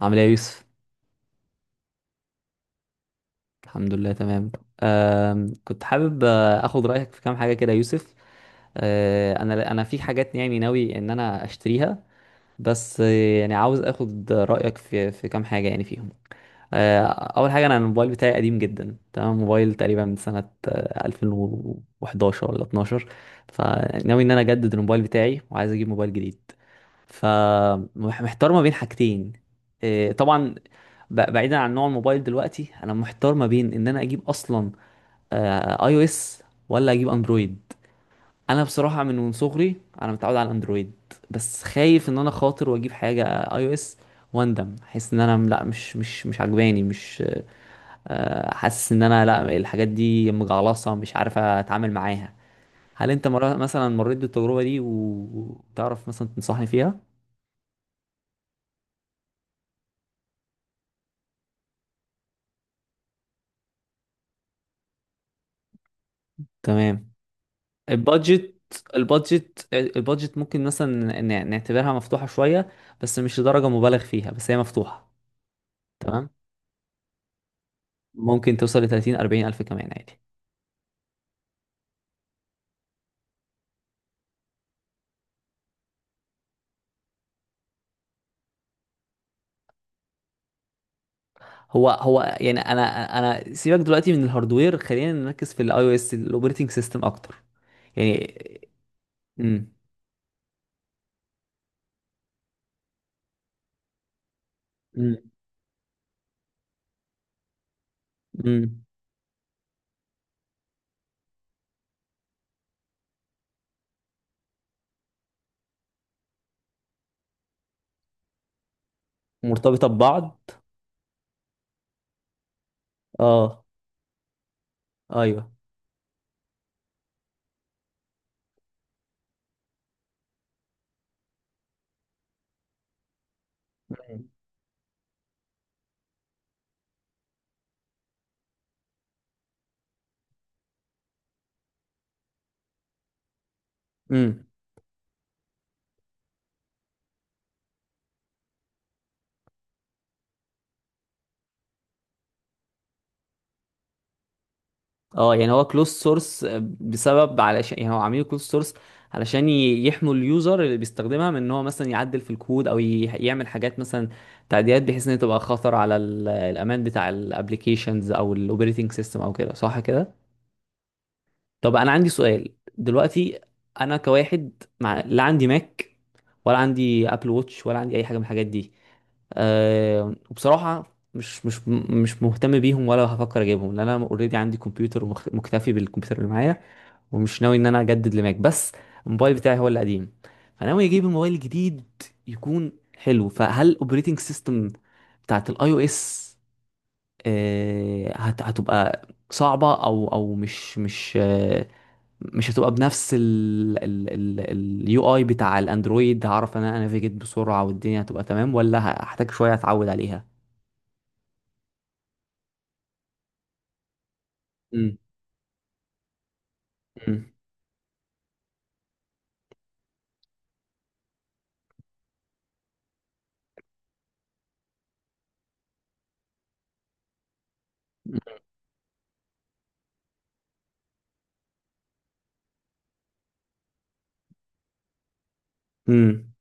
عامل ايه يا يوسف؟ الحمد لله، تمام. كنت حابب اخد رايك في كام حاجه كده يا يوسف. أه انا انا في حاجات، يعني ناوي ان انا اشتريها. بس يعني عاوز اخد رايك في كام حاجه يعني فيهم. اول حاجه، انا الموبايل بتاعي قديم جدا، تمام، موبايل تقريبا من سنه 2011 ولا 12. فناوي ان انا اجدد الموبايل بتاعي وعايز اجيب موبايل جديد. فمحتار ما بين حاجتين. إيه، طبعا. بعيدا عن نوع الموبايل دلوقتي، انا محتار ما بين ان انا اجيب اصلا اي او اس، ولا اجيب اندرويد. انا بصراحه من صغري. انا متعود على الاندرويد. بس خايف ان انا خاطر واجيب حاجه اي او اس، واندم احس ان انا لا، مش عجباني، مش آه، حاسس ان انا لا، الحاجات دي مجعلصه، مش عارف اتعامل معاها. هل انت مرة مثلا مريت بالتجربه دي وتعرف مثلا تنصحني فيها؟ تمام. البادجت البادجت ممكن مثلا نعتبرها مفتوحة شوية، بس مش لدرجة مبالغ فيها، بس هي مفتوحة. تمام، ممكن توصل ل 30 40 ألف كمان عادي. هو يعني، انا سيبك دلوقتي من الهاردوير، خلينا نركز في الاي او اس، الاوبريتنج سيستم اكتر. يعني. امم. امم. مرتبطة ببعض. اه. ايوه. امم. اه، يعني هو كلوز سورس، بسبب، علشان يعني هو عاملين كلوز سورس علشان يحموا اليوزر اللي بيستخدمها من ان هو مثلا يعدل في الكود، او يعمل حاجات، مثلا تعديلات، بحيث ان هي تبقى خطر على الامان بتاع الابلكيشنز او الاوبريتنج سيستم او كده، صح كده؟ طب انا عندي سؤال دلوقتي، انا كواحد، لا عندي ماك، ولا عندي ابل ووتش، ولا عندي اي حاجه من الحاجات دي. وبصراحه مش مهتم بيهم، ولا هفكر اجيبهم، لان انا اوريدي عندي كمبيوتر، مكتفي بالكمبيوتر اللي معايا. ومش ناوي ان انا اجدد لماك، بس الموبايل بتاعي هو اللي قديم. فناوي اجيب الموبايل الجديد يكون حلو. فهل الاوبريتنج سيستم بتاعت الاي او اس هتبقى صعبة، او مش مش هتبقى بنفس اليو اي بتاع الاندرويد؟ هعرف ان انا انافيجيت بسرعة والدنيا هتبقى تمام، ولا هحتاج شوية اتعود عليها؟ مم. مم. مم.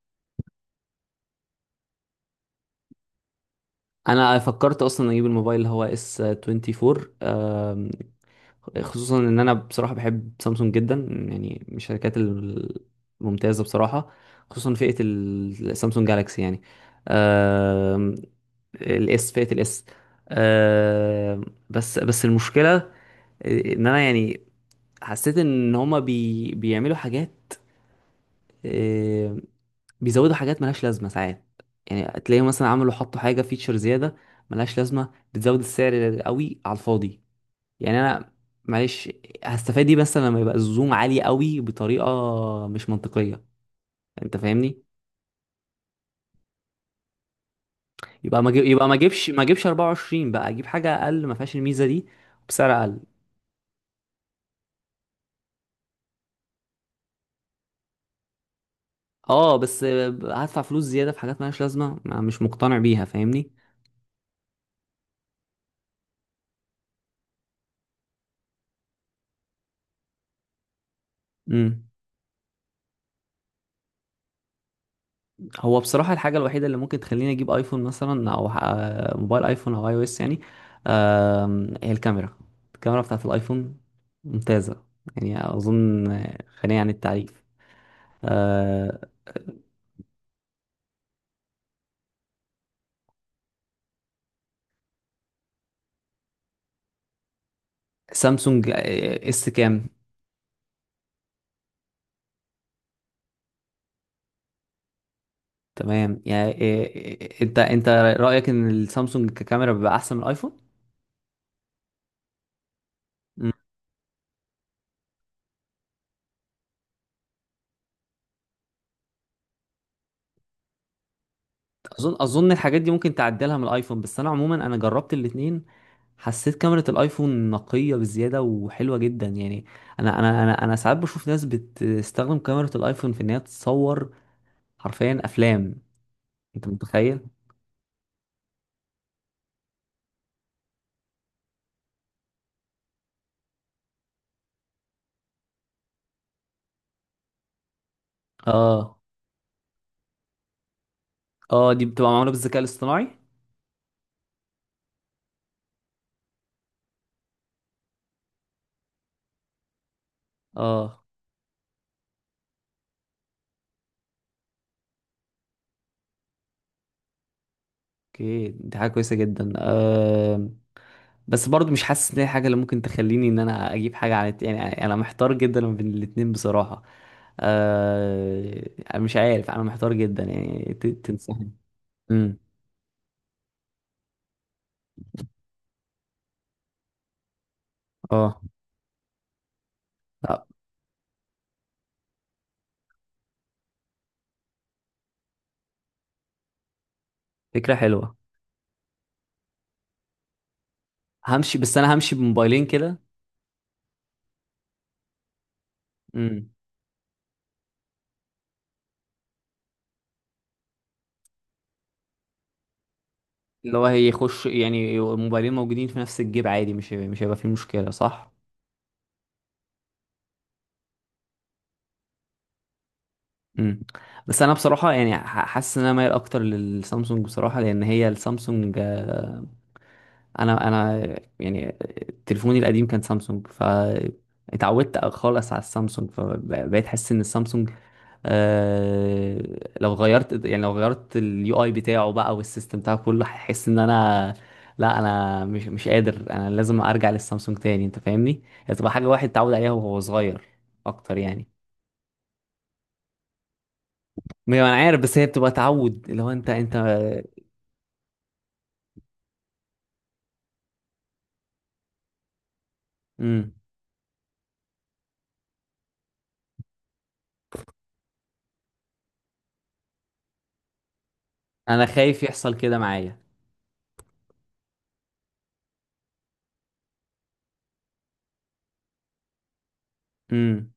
انا فكرت اصلا اجيب الموبايل اللي هو اس 24، خصوصا ان انا بصراحه بحب سامسونج جدا، يعني من الشركات الممتازه بصراحه، خصوصا فئه السامسونج جالاكسي يعني، آم، الاس، فئة الاس. آه بس المشكلة ان انا يعني حسيت ان هما بيعملوا حاجات، آه بيزودوا حاجات ملهاش لازمة ساعات. يعني تلاقيهم مثلا حطوا حاجة فيتشر زيادة ملهاش لازمة، بتزود السعر قوي على الفاضي. يعني انا، معلش، هستفاد ايه بس لما يبقى الزوم عالي قوي بطريقه مش منطقيه، انت فاهمني؟ يبقى ما أجيب- يبقى ما اجيبش 24 بقى، اجيب حاجه اقل ما فيهاش الميزه دي بسعر اقل. اه، بس هدفع فلوس زياده في حاجات مالهاش لازمه، ما مش مقتنع بيها، فاهمني؟ امم. هو بصراحه الحاجه الوحيده اللي ممكن تخليني اجيب ايفون مثلا، او موبايل ايفون او اي او اس يعني، هي الكاميرا. الكاميرا بتاعت الايفون ممتازه، يعني اظن غنيه عن التعريف. آه، سامسونج اس كام؟ تمام، يعني انت رأيك ان السامسونج ككاميرا بيبقى احسن من الايفون؟ مم. اظن الحاجات دي ممكن تعدلها من الايفون، بس انا عموما انا جربت الاتنين. حسيت كاميرا الايفون نقية بزيادة وحلوة جدا يعني. انا ساعات بشوف ناس بتستخدم كاميرا الايفون في ان هي تصور حرفيا افلام. انت متخيل؟ اه. اه. دي بتبقى معمولة بالذكاء الاصطناعي. اه. اوكي، دي حاجة كويسة جدا، بس برضو مش حاسس ان هي حاجه اللي ممكن تخليني ان انا اجيب حاجه عن يعني انا محتار جدا ما بين الاتنين بصراحه. أنا مش عارف، انا محتار جدا، يعني تنصحني. امم. اه. آه، فكره حلوه. همشي، بس انا همشي بموبايلين كده. امم. اللي هو هيخش، يعني موبايلين موجودين في نفس الجيب عادي، مش هيبقى فيه مشكله، صح؟ امم. بس انا بصراحه يعني حاسس ان انا مايل اكتر للسامسونج بصراحه، لان هي السامسونج، انا يعني تليفوني القديم كان سامسونج، ف اتعودت خالص على السامسونج، فبقيت احس ان السامسونج، آه لو غيرت، يعني لو غيرت اليو اي بتاعه بقى والسيستم بتاعه كله، هحس ان انا لا، انا مش قادر، انا لازم ارجع للسامسونج تاني، انت فاهمني؟ هي تبقى حاجه واحد اتعود عليها وهو صغير اكتر، يعني. ما انا عارف، بس هي بتبقى تعود لو انت. امم. انا خايف يحصل كده معايا. امم.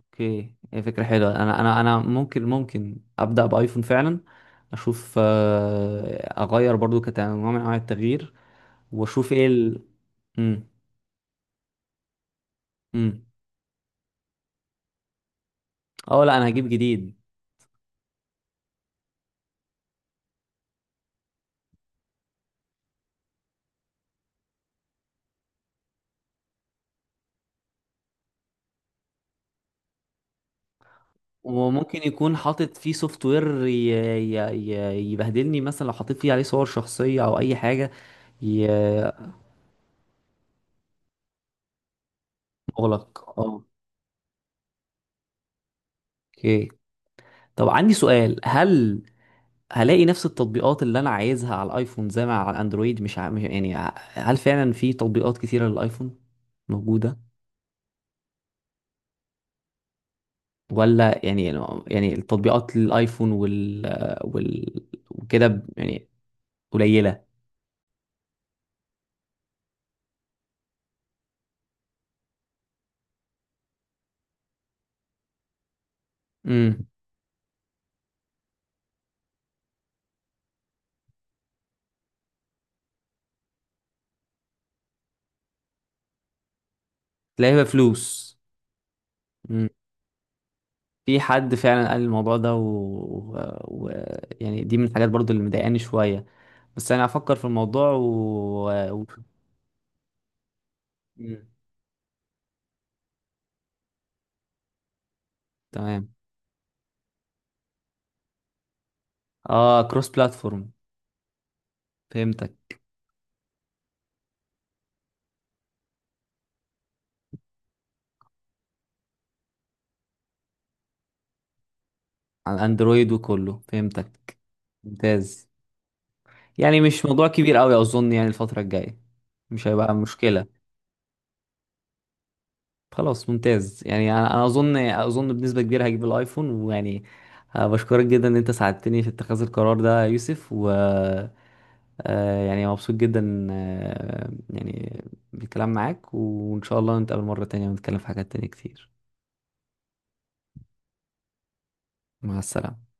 اوكي، هي فكرة حلوة، انا ممكن ابدأ بايفون فعلا. اشوف، اغير برضو كنوع من انواع التغيير، واشوف ايه ال. امم. امم. اه، لا انا هجيب جديد. وممكن يكون حاطط فيه سوفت وير ي... يبهدلني مثلا لو حطيت فيه عليه صور شخصية او اي حاجة. ي... مغلق، اه. اوكي. طب عندي سؤال، هل هلاقي نفس التطبيقات اللي انا عايزها على الايفون زي ما على الاندرويد، مش, ع... مش يعني ع- يعني هل فعلا في تطبيقات كتيرة للايفون موجودة؟ ولا يعني، يعني التطبيقات للايفون وال وكده، يعني قليلة. امم. تلاقيها بفلوس. امم. في حد فعلا قال الموضوع ده و... يعني دي من الحاجات برضو اللي مضايقاني شوية. بس انا هفكر في الموضوع و... مم. تمام. اه، كروس بلاتفورم، فهمتك. على اندرويد وكله، فهمتك. ممتاز، يعني مش موضوع كبير قوي اظن، يعني الفترة الجاية مش هيبقى مشكلة. خلاص، ممتاز، يعني انا اظن بنسبة كبيرة هجيب الايفون، ويعني بشكرك جدا ان انت ساعدتني في اتخاذ القرار ده يا يوسف، و يعني مبسوط جدا، يعني بالكلام معاك، وان شاء الله نتقابل مرة تانية ونتكلم في حاجات تانية كتير. مع السلامة.